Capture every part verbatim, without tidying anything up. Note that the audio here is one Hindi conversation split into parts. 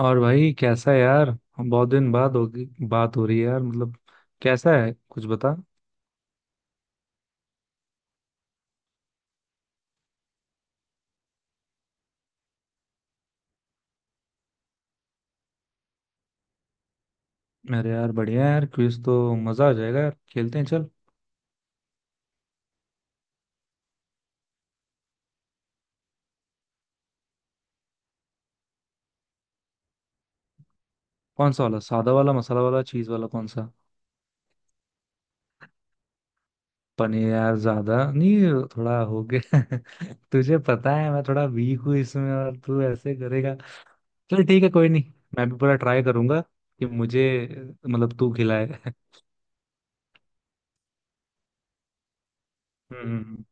और भाई कैसा है यार। हम बहुत दिन बाद होगी बात हो रही है यार। मतलब कैसा है कुछ बता। अरे यार बढ़िया है यार। क्विज तो मजा आ जाएगा यार। खेलते हैं चल। कौन सा वाला? सादा वाला, मसाला वाला, चीज वाला? कौन सा? पनीर यार ज्यादा नहीं। थोड़ा हो गया। तुझे पता है मैं थोड़ा वीक हूँ इसमें और तू ऐसे करेगा। चल ठीक है कोई नहीं। मैं भी पूरा ट्राई करूंगा कि मुझे, मतलब तू खिलाए। हम्म।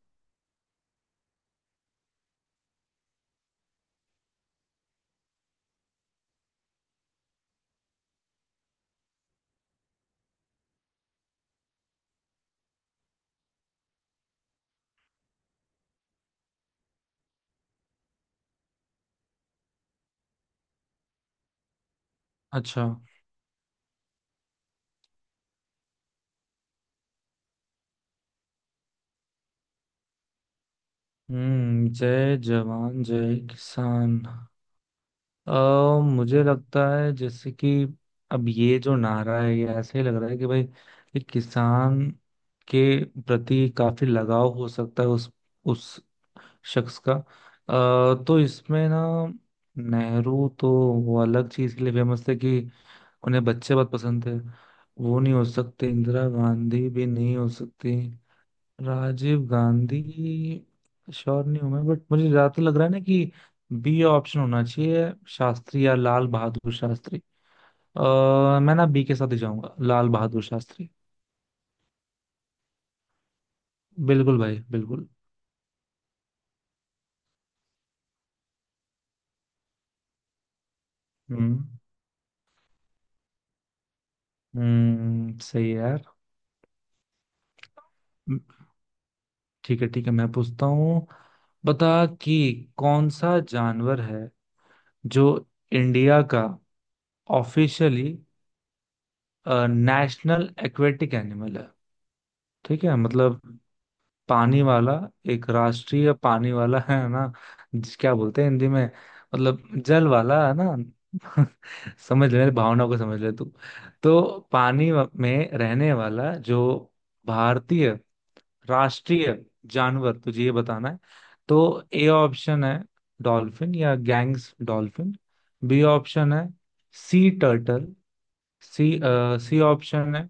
अच्छा। हम्म। जय जवान जय किसान। अ, मुझे लगता है जैसे कि अब ये जो नारा है ये ऐसे ही लग रहा है कि भाई ये किसान के प्रति काफी लगाव हो सकता है उस उस शख्स का। अ, तो इसमें ना नेहरू तो वो अलग चीज के लिए फेमस थे कि उन्हें बच्चे बहुत पसंद थे। वो नहीं हो सकते। इंदिरा गांधी भी नहीं हो सकती। राजीव गांधी श्योर नहीं हूं मैं, बट मुझे ज्यादा तो लग रहा है ना कि बी ऑप्शन होना चाहिए, शास्त्री या लाल बहादुर शास्त्री। आ, मैं ना बी के साथ ही जाऊंगा, लाल बहादुर शास्त्री। बिल्कुल भाई बिल्कुल। हम्म। हम्म सही है यार। ठीक है ठीक है मैं पूछता हूँ। बता कि कौन सा जानवर है जो इंडिया का ऑफिशियली नेशनल एक्वेटिक एनिमल है। ठीक है मतलब पानी वाला, एक राष्ट्रीय पानी वाला है ना, जिस- क्या बोलते हैं हिंदी में, मतलब जल वाला है ना। समझ ले मेरी भावना को, समझ ले तू। तो पानी व- में रहने वाला जो भारतीय राष्ट्रीय जानवर, तुझे ये बताना है। तो ए ऑप्शन है डॉल्फिन या गैंग्स डॉल्फिन। बी ऑप्शन है sea turtle. C, C option है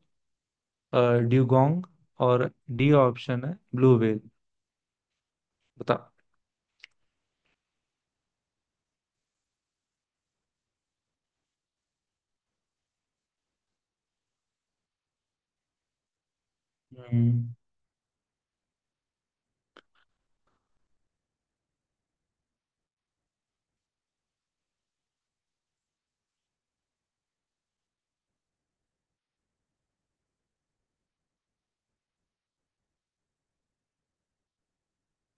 ड्यूगोंग। और डी ऑप्शन है ब्लू व्हेल। बता। हम्म।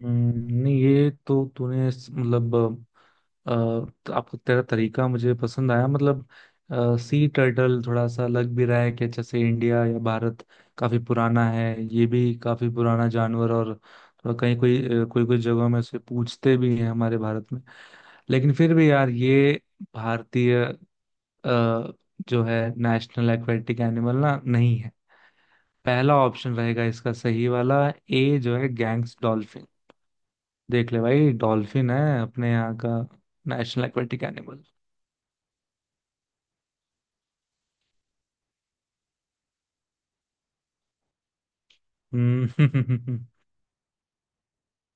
हम्म। नहीं ये तो तूने स- मतलब अ, तो आपका तेरा तरीका मुझे पसंद आया। मतलब सी टर्टल थोड़ा सा लग भी रहा है कि जैसे इंडिया या भारत काफी पुराना है, ये भी काफी पुराना जानवर और थोड़ा कहीं कोई अ, कोई कोई जगहों में उसे पूछते भी हैं हमारे भारत में। लेकिन फिर भी यार ये भारतीय अ, जो है नेशनल एक्वेटिक एनिमल ना नहीं है। पहला ऑप्शन रहेगा इसका सही वाला, ए जो है गैंग्स डॉल्फिन। देख ले भाई डॉल्फिन है अपने यहाँ का नेशनल एक्वेटिक एनिमल। हम्म।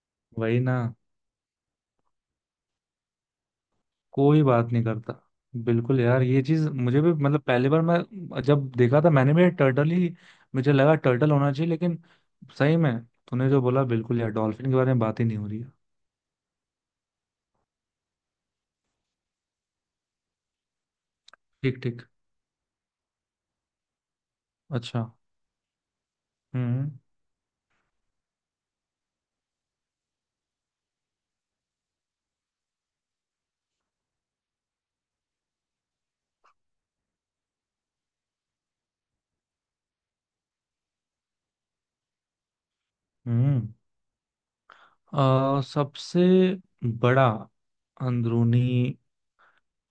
वही ना। कोई बात नहीं करता बिल्कुल यार। ये चीज मुझे भी, मतलब पहली बार मैं जब देखा था मैंने भी टर्टल ही, मुझे लगा टर्टल होना चाहिए लेकिन सही में तूने जो बोला, बिल्कुल यार, डॉल्फिन के बारे में बात ही नहीं हो रही है। ठीक ठीक। अच्छा। हम्म। हम्म। अ, सबसे बड़ा अंदरूनी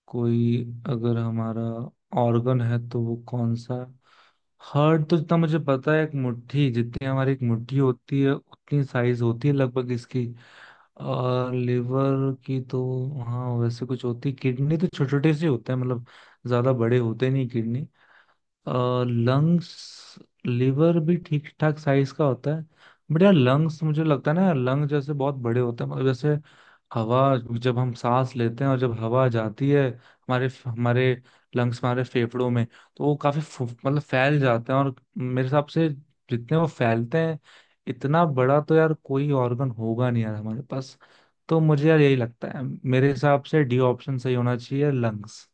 कोई अगर हमारा ऑर्गन है तो वो कौन सा? हार्ट तो जितना मुझे पता है एक मुट्ठी जितनी, हमारी एक मुट्ठी होती है उतनी साइज होती है लगभग इसकी। और लिवर की तो हाँ वैसे कुछ होती। किडनी तो छोटे छोटे से होते हैं, मतलब ज्यादा बड़े होते नहीं किडनी। लंग्स, लिवर भी ठीक ठाक साइज का होता है, बट यार लंग्स मुझे लगता है ना, लंग जैसे बहुत बड़े होते हैं। मतलब जैसे हवा, जब हम सांस लेते हैं और जब हवा जाती है हमारे हमारे लंग्स, हमारे फेफड़ों में, तो वो काफी फु- मतलब फैल जाते हैं। और मेरे हिसाब से जितने वो फैलते हैं, इतना बड़ा तो यार कोई ऑर्गन होगा नहीं यार हमारे पास। तो मुझे यार यही लगता है, मेरे हिसाब से डी ऑप्शन सही होना चाहिए, लंग्स।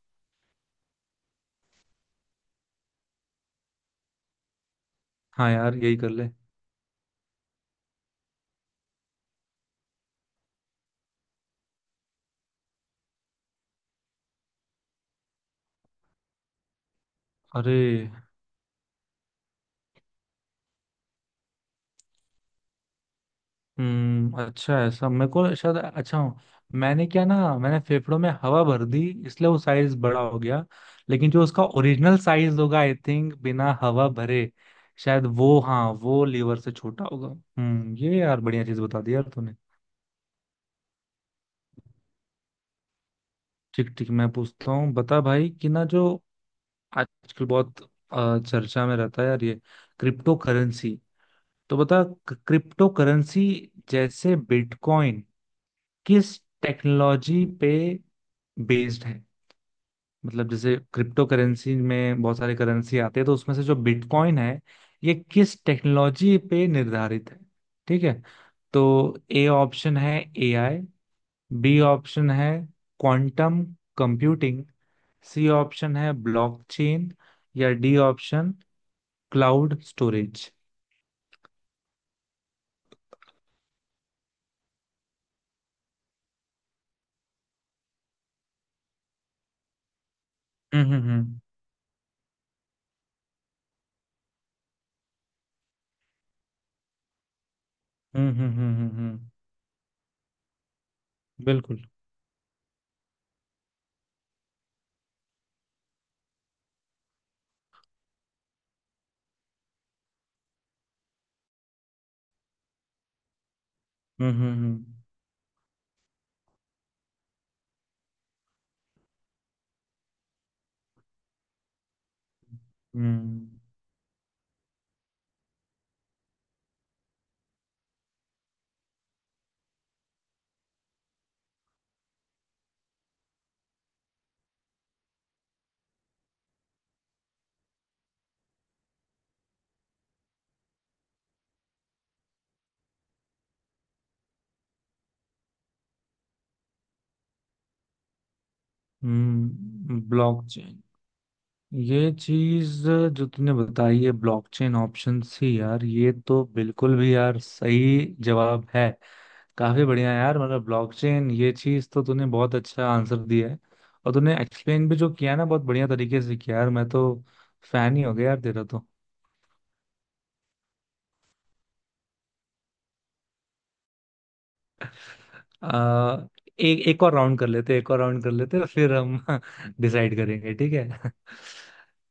हाँ यार यही कर ले। अरे। हम्म अच्छा है, सब मेरे को शायद अच्छा हूँ। मैंने क्या ना, मैंने फेफड़ों में हवा भर दी, इसलिए वो साइज बड़ा हो गया। लेकिन जो उसका ओरिजिनल साइज होगा आई थिंक बिना हवा भरे, शायद वो, हाँ वो लीवर से छोटा होगा। हम्म ये यार बढ़िया चीज बता दी यार तूने। ठीक ठीक मैं पूछता हूँ। बता भाई कि ना जो आजकल बहुत अ, चर्चा में रहता है यार ये क्रिप्टो करेंसी, तो बता क्रिप्टो करेंसी जैसे बिटकॉइन किस टेक्नोलॉजी पे बेस्ड है। मतलब जैसे क्रिप्टो करेंसी में बहुत सारे करेंसी आते हैं, तो उसमें से जो बिटकॉइन है ये किस टेक्नोलॉजी पे निर्धारित है। ठीक है, तो ए ऑप्शन है एआई, बी ऑप्शन है क्वांटम कंप्यूटिंग, सी ऑप्शन है ब्लॉकचेन, या डी ऑप्शन क्लाउड स्टोरेज। हम्म। हम्म। हम्म। हम्म। हम्म। हम्म। हम्म, हम्म, बिल्कुल। हम्म हम्म हम्म। हम्म। ब्लॉकचेन, ये चीज जो तूने बताई है ब्लॉकचेन ऑप्शंस ही यार, ये तो बिल्कुल भी यार सही जवाब है। काफी बढ़िया यार, मतलब ब्लॉकचेन ये चीज तो तूने बहुत अच्छा आंसर दिया है। और तूने एक्सप्लेन भी जो किया ना बहुत बढ़िया तरीके से किया यार, मैं तो फैन ही हो गया यार तेरा तो। आ, एक एक और राउंड कर लेते, एक और राउंड कर लेते फिर हम डिसाइड करेंगे ठीक है।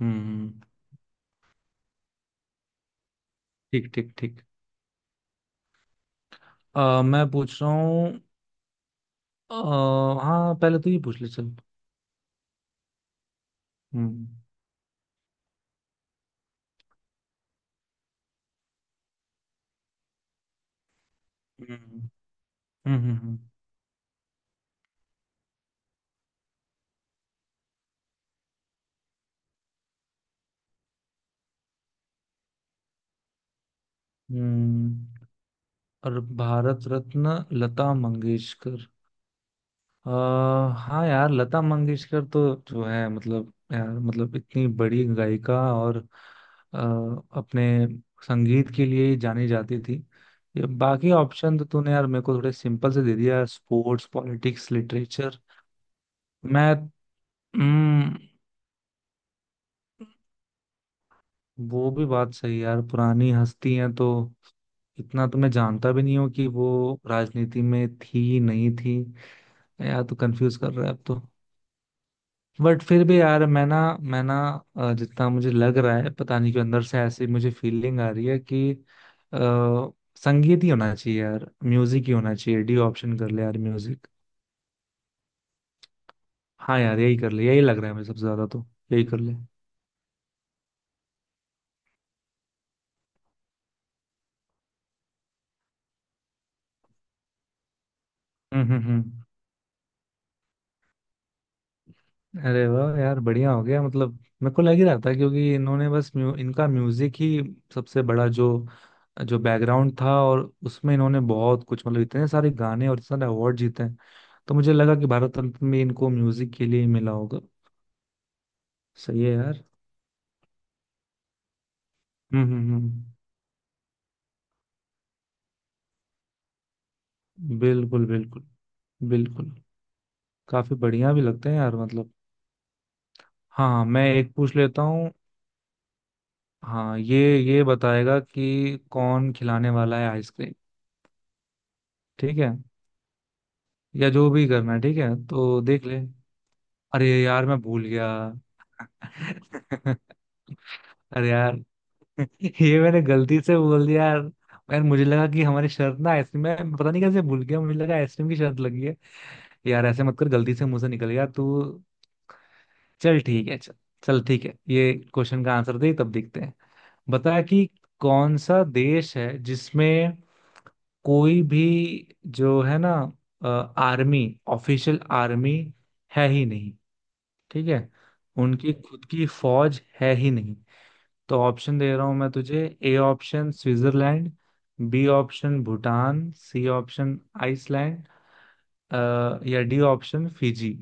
हम्म। ठीक ठीक ठीक। अ, मैं पूछ रहा हूँ, अ, हाँ पहले तू ही पूछ ले चल। हम्म हम्म हम्म हम्म। हम्म। और भारत रत्न लता मंगेशकर, आ, हाँ यार लता मंगेशकर तो जो है, मतलब यार, मतलब इतनी बड़ी गायिका और अ, अपने संगीत के लिए ही जानी जाती थी। ये बाकी ऑप्शन तो तूने यार मेरे को थोड़े सिंपल से दे दिया, स्पोर्ट्स, पॉलिटिक्स, लिटरेचर। मैं हम्म, वो भी बात सही है यार, पुरानी हस्ती हैं तो इतना तो मैं जानता भी नहीं हूँ कि वो राजनीति में थी नहीं थी। यार तो कंफ्यूज कर रहा है अब तो, बट फिर भी यार मैं ना, मैं ना अ, जितना मुझे लग रहा है पता नहीं क्यों, अंदर से ऐसी मुझे फीलिंग आ रही है कि आ, संगीत ही होना चाहिए यार, म्यूजिक ही होना चाहिए। डी ऑप्शन कर ले यार म्यूजिक। हाँ यार यही कर ले, यही लग रहा है मुझे सबसे ज्यादा तो, यही कर ले। हम्म। हम्म। हम्म। अरे वाह यार बढ़िया हो गया। मतलब मेरे को लग ही रहा था क्योंकि इन्होंने बस म्यू, इनका म्यूजिक ही सबसे बड़ा जो, जो बैकग्राउंड था, और उसमें इन्होंने बहुत कुछ, मतलब इतने सारे गाने और इतने सारे अवार्ड जीते हैं। तो मुझे लगा कि भारत रत्न में इनको म्यूजिक के लिए ही मिला होगा। सही है यार। हम्म। हम्म। हम्म। बिल्कुल। बिल्कुल। बिल्कुल। काफी बढ़िया भी लगते हैं यार मतलब। हाँ हाँ, मैं एक पूछ लेता हूँ। हाँ ये ये बताएगा कि कौन खिलाने वाला है आइसक्रीम। ठीक है या जो भी करना है, ठीक है तो देख ले। अरे यार मैं भूल गया। अरे यार। ये मैंने गलती से बोल दिया यार। यार मुझे लगा कि हमारी शर्त ना आइसक्रीम में, मैं पता नहीं कैसे भूल गया, मुझे लगा आइसक्रीम की शर्त लगी है। यार ऐसे मत कर, गलती से मुंह से निकल गया तू। चल ठीक है चल, चल ठीक है ये क्वेश्चन का आंसर दे, तब देखते हैं। बता कि कौन सा देश है जिसमें कोई भी जो है ना आर्मी, ऑफिशियल आर्मी है ही नहीं। ठीक है, उनकी खुद की फौज है ही नहीं। तो ऑप्शन दे रहा हूं मैं तुझे। A option Switzerland, B option Bhutan, C option Iceland, अ, या डी ऑप्शन फिजी।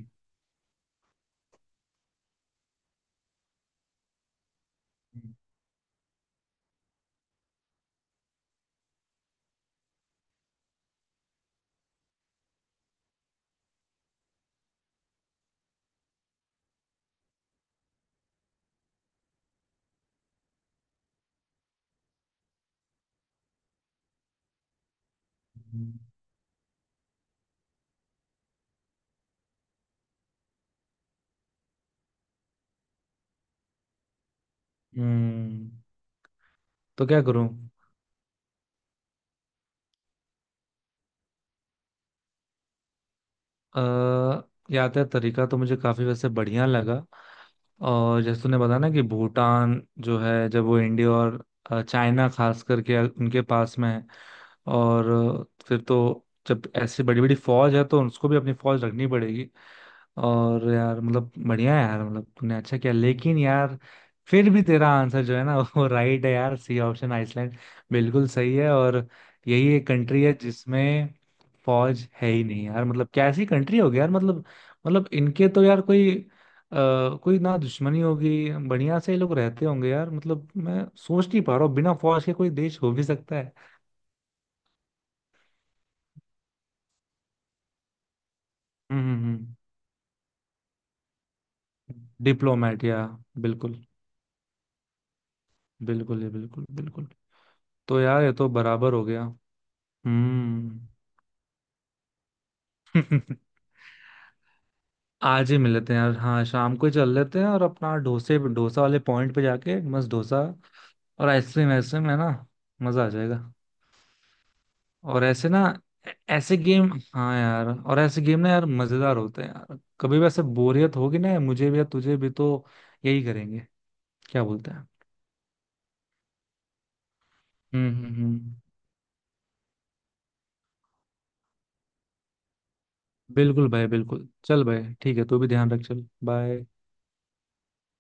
हम्म। तो क्या करूं? अ, यात्रा तरीका तो मुझे काफी वैसे बढ़िया लगा। और जैसे तूने बताया ना कि भूटान जो है जब वो इंडिया और अ, चाइना, खास करके उनके पास में है, और अ, फिर तो जब ऐसी बड़ी बड़ी फौज है तो उसको भी अपनी फौज रखनी पड़ेगी। और यार मतलब बढ़िया है यार, मतलब तूने अच्छा किया लेकिन यार फिर भी तेरा आंसर जो है ना वो राइट है यार, सी ऑप्शन आइसलैंड बिल्कुल सही है। और यही एक कंट्री है जिसमें फौज है ही नहीं यार। मतलब कैसी कंट्री होगी यार, मतलब मतलब इनके तो यार कोई आ, कोई ना दुश्मनी होगी, बढ़िया से ये लोग रहते होंगे यार। मतलब मैं सोच नहीं पा रहा हूँ बिना फौज के कोई देश हो भी सकता है। हम्म। हम्म। हम्म। डिप्लोमेट या बिल्कुल बिल्कुल, ये बिल्कुल बिल्कुल। तो यार ये तो बराबर हो गया। हम्म। आज ही मिल लेते हैं यार, हाँ शाम को ही चल लेते हैं और अपना डोसे, डोसा वाले पॉइंट पे जाके मस्त डोसा। और आइसक्रीम, आइसक्रीम है ना, मजा आ जाएगा। और ऐसे ना, ऐ- ऐसे गेम, हाँ यार और ऐसे गेम ना यार मजेदार होते हैं यार, कभी वैसे बोरियत होगी ना मुझे भी या तुझे भी तो यही करेंगे। क्या बोलते हैं। हम्म। हम्म। हम्म। बिल्कुल भाई बिल्कुल, चल भाई ठीक है, तू भी ध्यान रख, चल बाय।